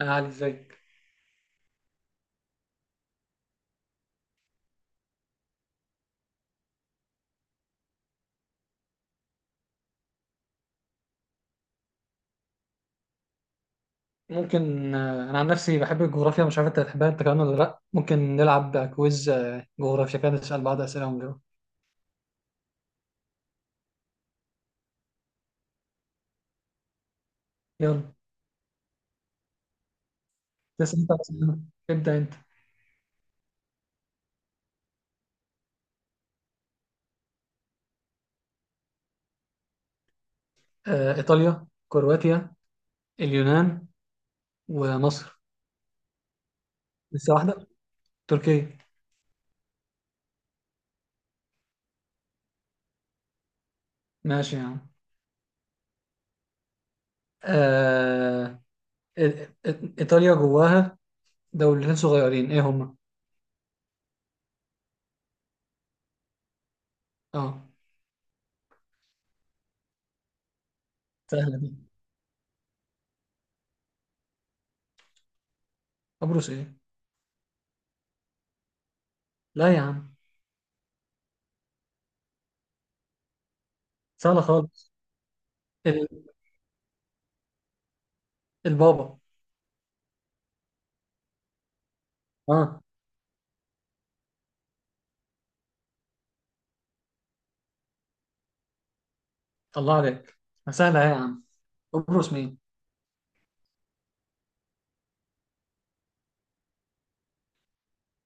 علي، ازيك؟ ممكن انا عن نفسي بحب الجغرافيا، مش عارف انت بتحبها انت كمان ولا لا. ممكن نلعب كويز جغرافيا كده، نسال بعض اسئله ونجاوب. يلا تسال انت أسئلة. ابدا انت. ايطاليا، كرواتيا، اليونان، ومصر. لسه واحده. تركيا. ماشي يا عم. آه، إي- ايطاليا جواها دولتين صغيرين، ايه هما؟ اه، سهله دي. قبرص ايه؟ لا يا عم، سهله خالص. ال- البابا. اه، الله عليك. سهله إيه يا عم؟ قبرص مين؟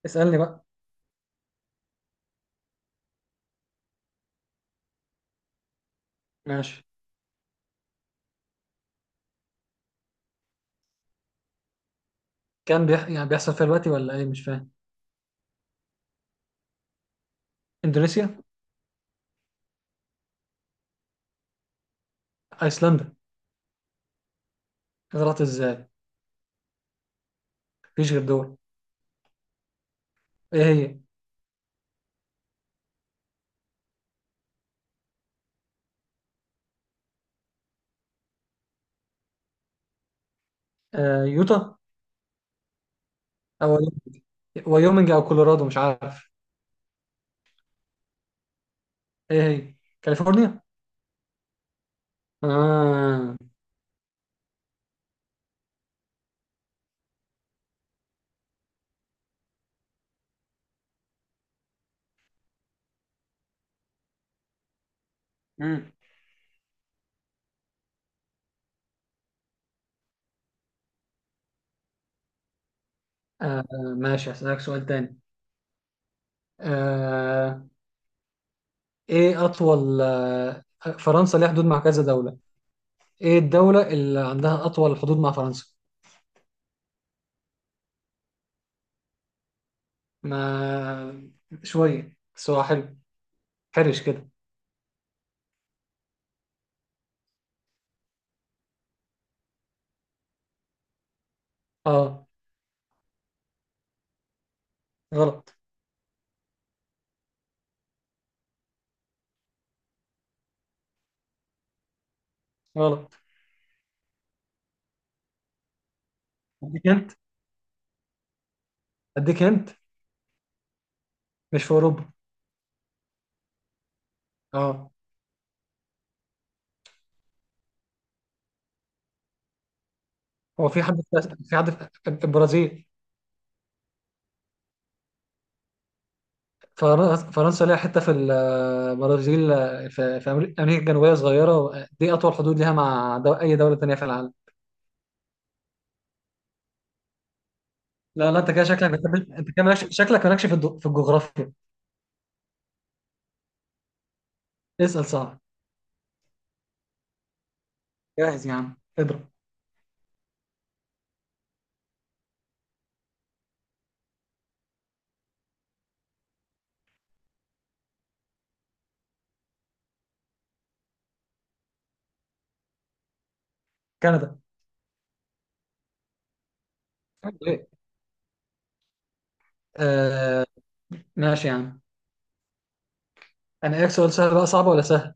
اسألني بقى. ماشي. يعني بيحصل فيها دلوقتي ولا ايه، مش فاهم. اندونيسيا. ايسلندا. غلط ازاي؟ مفيش غير دول. ايه هي؟ يوتا. او ويومنج، او كولورادو، مش عارف. ايه هي؟ كاليفورنيا. آه. مم. آه ماشي، هسألك سؤال تاني. آه ايه اطول فرنسا ليها حدود مع كذا دولة. ايه الدولة اللي عندها اطول حدود مع فرنسا؟ ما، شوية بس هو حلو. حرش كده. اه. غلط. غلط. اديك انت. اديك انت. مش في اوروبا. اه. هو في حد في حد في البرازيل؟ فرنسا ليها حته في البرازيل. في امريكا الجنوبيه صغيره دي اطول حدود ليها اي دوله تانيه في العالم. لا، لا، انت كده شكلك بتحب- انت كده مالكش- شكلك مالكش في الجغرافيا. اسال صح. جاهز يا عم، اضرب. كندا. إيه؟ آه. ماشي يا عم. انا، ايه سؤال سهل بقى صعب ولا سهل؟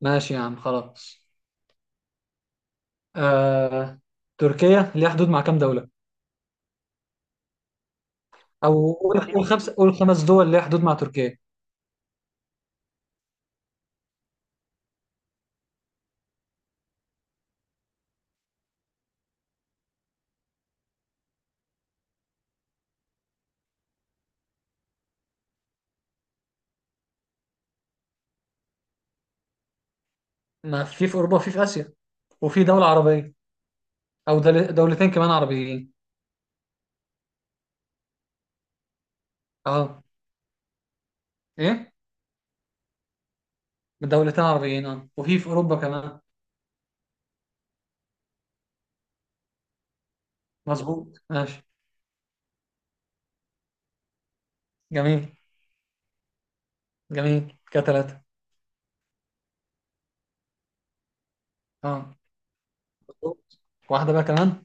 ماشي يا عم، خلاص. آه. تركيا ليها حدود مع كام دوله؟ او تقريبا، والخمس دول اللي هي حدود مع تركيا. ما في اوروبا وفي اسيا. وفي دوله عربيه، او دولتين كمان عربيين. اه. ايه. دولتين عربيين. اه، وفي اوروبا كمان. مظبوط، ماشي. جميل. جميل كده، ثلاثه. اه. مظبوط. واحده بقى كمان.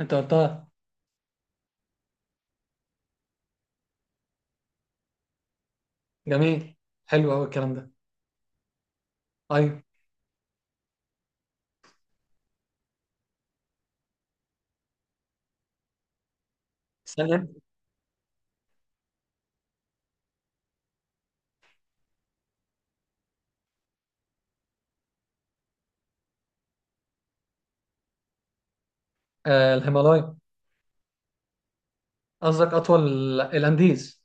انت قلتها. جميل. حلو قوي الكلام ده. ايوه. استنى. الهيمالايا. قصدك اطول. الانديز.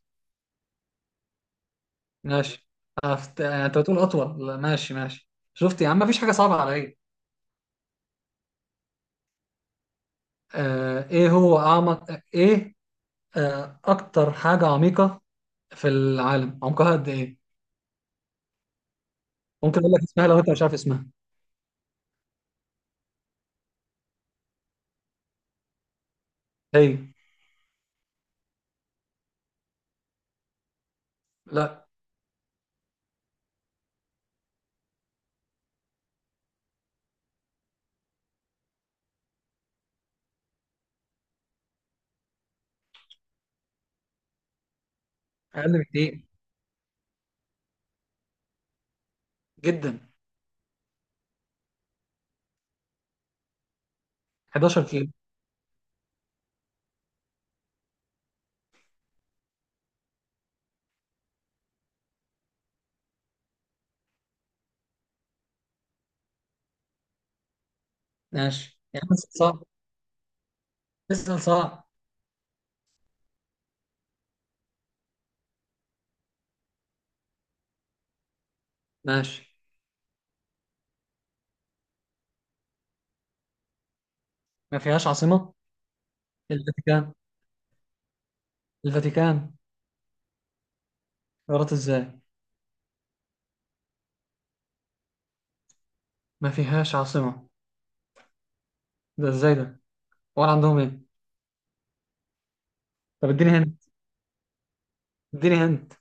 ماشي. انت بتقول اطول. لا، ماشي، ماشي. شفت يا عم، مفيش حاجه صعبه عليا. ايه هو اعمق ايه؟ اكتر حاجة عميقة في العالم عمقها قد ايه؟ ممكن اقول لك اسمها لو انت مش عارف اسمها. هي. لا. اقل بكتير. جدا. 11 كيلو. ماشي، يعني اسال صعب، اسال صعب، ماشي. ما فيهاش عاصمة؟ الفاتيكان. الفاتيكان. غلط ازاي؟ ما فيهاش عاصمة؟ ده ازاي ده؟ ولا عندهم ايه؟ طب اديني هنت. اديني هنت.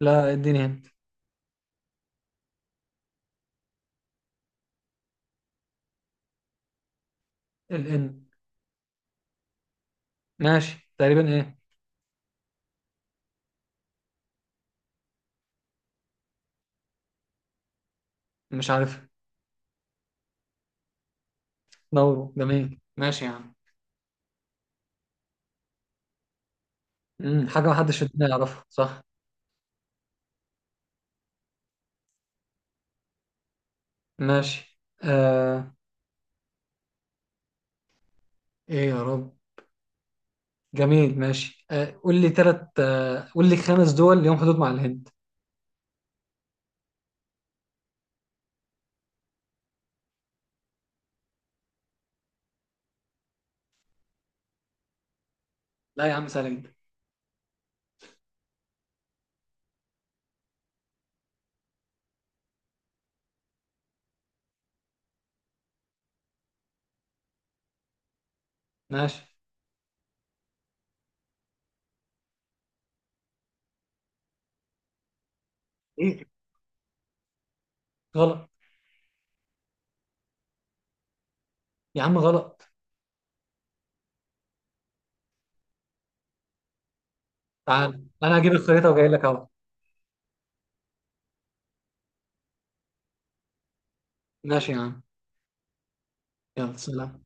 لا، اديني هنت. الان. ماشي، تقريبا ايه؟ مش عارف. دوروا، جميل، ماشي يا عم. حاجة محدش في الدنيا يعرفها، صح؟ ماشي. ايه يا رب. جميل، ماشي. قول لي خمس دول ليهم حدود مع الهند. لا يا عم، سهلة جدا. ماشي. ايه. غلط. يا عم، غلط. تعال، انا هجيب الخريطة وجاي لك اهو. ماشي يا عم. يلا، سلام.